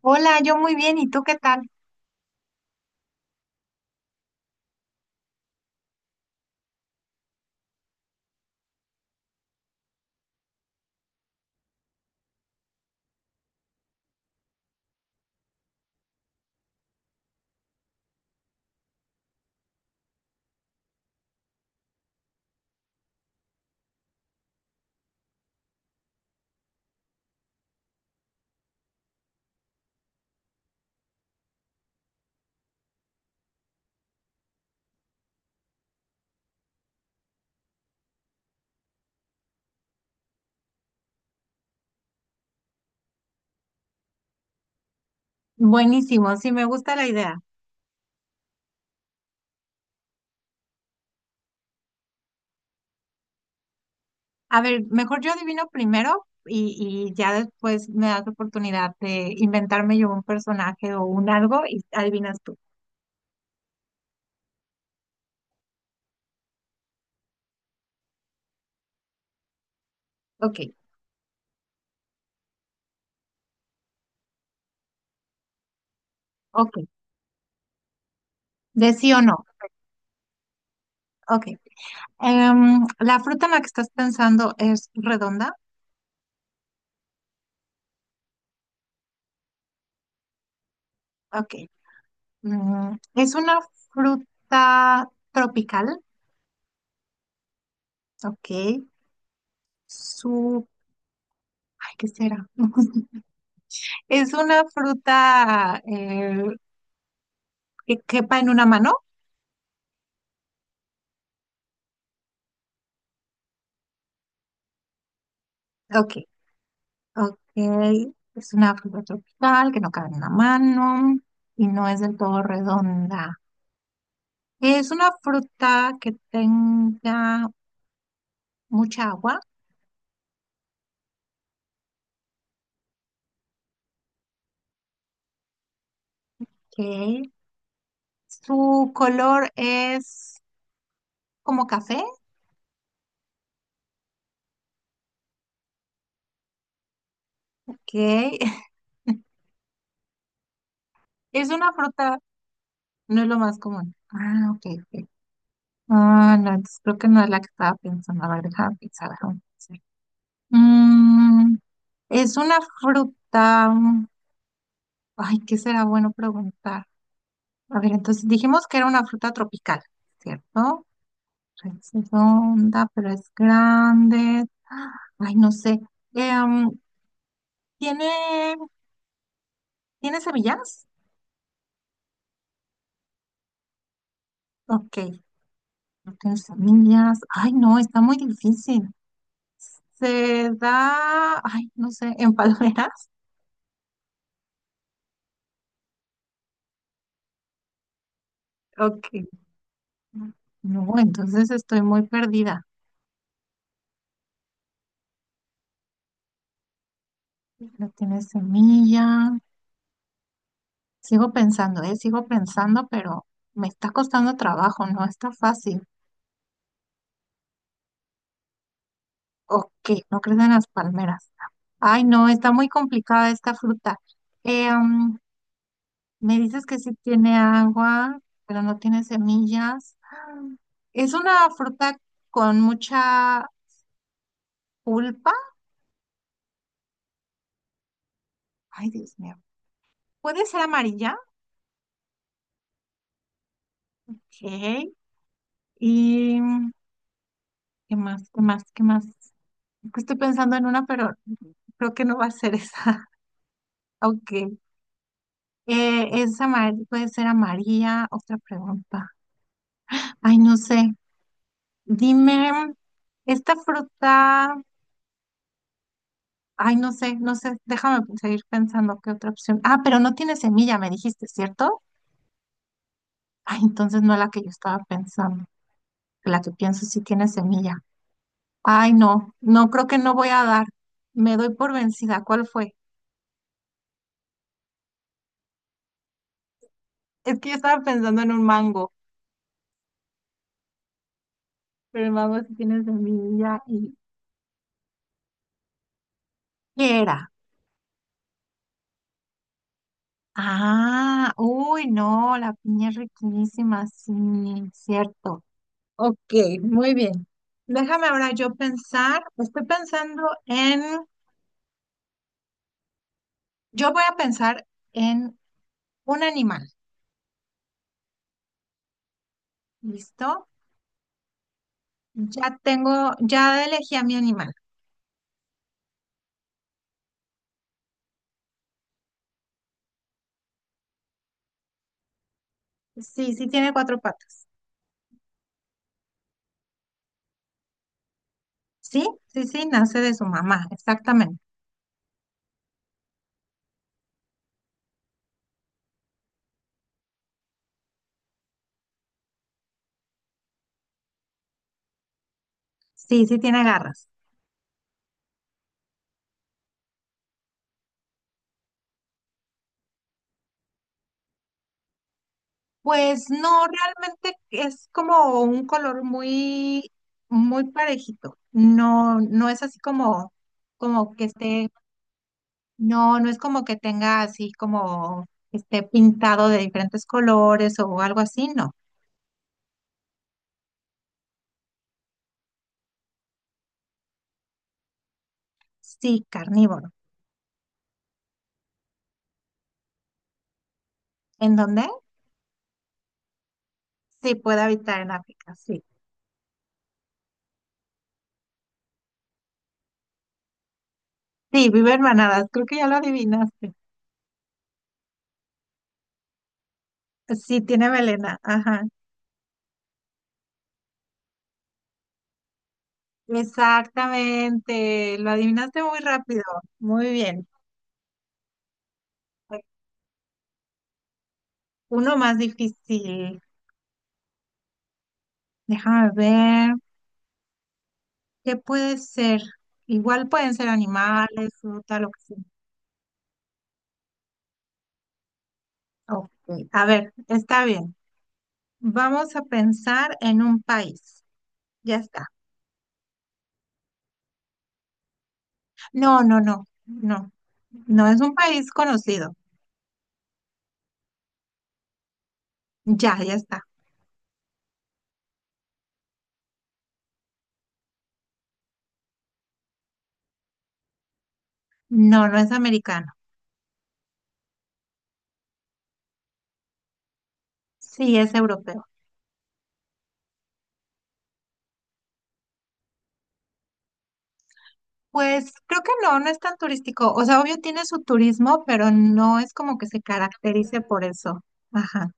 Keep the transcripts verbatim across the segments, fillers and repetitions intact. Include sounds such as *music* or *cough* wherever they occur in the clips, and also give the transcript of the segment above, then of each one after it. Hola, yo muy bien, ¿y tú qué tal? Buenísimo, sí, me gusta la idea. A ver, mejor yo adivino primero y, y ya después me das oportunidad de inventarme yo un personaje o un algo y adivinas tú. Ok, ok, de sí o no. Ok. Em, ¿la fruta en la que estás pensando es redonda? Ok. Mm, ¿es una fruta tropical? Ok. Su... Ay, ¿qué será? *laughs* Es una fruta eh, que quepa en una mano. Ok, ok. Es una fruta tropical que no cabe en una mano y no es del todo redonda. Es una fruta que tenga mucha agua, que su color es como café, que *laughs* es una fruta, no es lo más común. Ah, ok, ok. Ah, no, entonces creo que no es la que estaba pensando. A ver, déjame pensar, déjame pensar. Mm, es una fruta. Ay, ¿qué será bueno preguntar? A ver, entonces dijimos que era una fruta tropical, ¿cierto? Es redonda, pero es grande. Ah, ay, no sé. Em, ¿Tiene, tiene semillas? Ok, no tiene semillas. Ay, no, está muy difícil. Se da, ay, no sé, en palmeras. *laughs* Ok. No, entonces estoy muy perdida. No tiene semillas. Sigo pensando, eh, sigo pensando, pero me está costando trabajo, no está fácil. ¿O qué? ¿No crees en las palmeras? Ay, no, está muy complicada esta fruta. Eh, mm, me dices que sí tiene agua, pero no tiene semillas. Es una fruta con mucha pulpa. Ay, Dios mío. Puede ser amarilla. Ok. ¿Y mm, qué más? ¿Qué más? ¿Qué más? Es que estoy pensando en una, pero creo que no va a ser esa. *laughs* Ok. Eh, es amar- puede ser amarilla. Otra pregunta. Ay, no sé. Dime, esta fruta. Ay, no sé, no sé. Déjame seguir pensando qué otra opción. Ah, pero no tiene semilla, me dijiste, ¿cierto? Ay, entonces no la que yo estaba pensando. La que pienso sí tiene semilla. Ay, no, no creo que no voy a dar. Me doy por vencida. ¿Cuál fue? Es que yo estaba pensando en un mango, pero el mango sí tiene semilla y... ¿Qué era? Ah, uy, no, la piña es riquísima, sí, cierto. Ok, muy bien. Déjame ahora yo pensar, estoy pensando en, yo voy a pensar en un animal, ¿listo? Ya tengo, ya elegí a mi animal. Sí, sí tiene cuatro patas. Sí, sí, sí, nace de su mamá, exactamente. Sí, sí tiene garras. Pues no, realmente es como un color muy, muy parejito. No, no es así como, como que esté, no, no es como que tenga así como que esté pintado de diferentes colores o algo así, no. Sí, carnívoro. ¿En dónde? Sí, puede habitar en África, sí. Sí, vive en manadas, creo que ya lo adivinaste. Sí, tiene melena, ajá. Exactamente, lo adivinaste muy rápido. Muy bien. Uno más difícil. Déjame ver. ¿Qué puede ser? Igual pueden ser animales, fruta, lo que sea. Ok, a ver, está bien. Vamos a pensar en un país. Ya está. No, no, no, no. No es un país conocido. Ya, ya está. No, no es americano. Sí, es europeo. Pues creo que no, no es tan turístico. O sea, obvio tiene su turismo, pero no es como que se caracterice por eso. Ajá.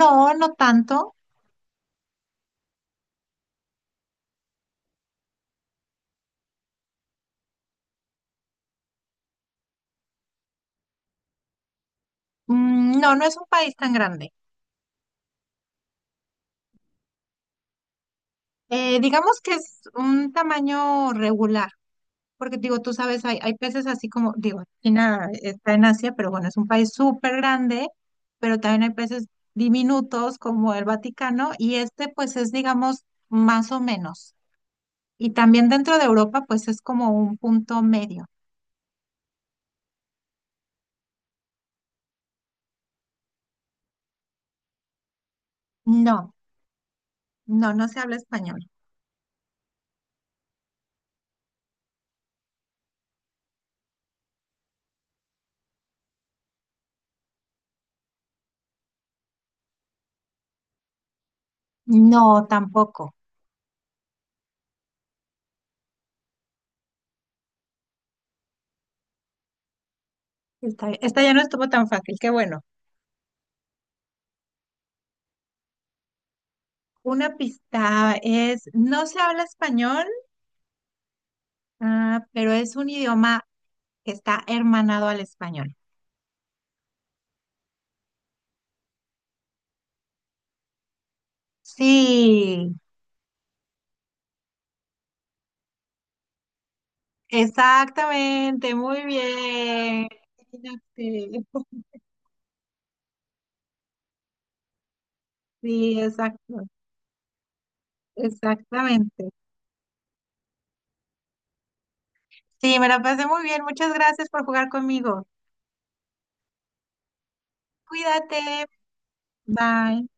No, no tanto. Mm, no, no es un país tan grande. Eh, digamos que es un tamaño regular, porque digo, tú sabes, hay, hay peces así como, digo, China está en Asia, pero bueno, es un país súper grande, pero también hay peces diminutos como el Vaticano, y este pues es, digamos, más o menos. Y también dentro de Europa pues es como un punto medio. No, no, no se habla español. No, tampoco. Esta, esta ya no estuvo tan fácil, qué bueno. Una pista es, no se habla español, ah, pero es un idioma que está hermanado al español. Sí, exactamente, muy bien. Imagínate. *laughs* Sí, exacto, exactamente. Sí, me la pasé muy bien. Muchas gracias por jugar conmigo. Cuídate. Bye.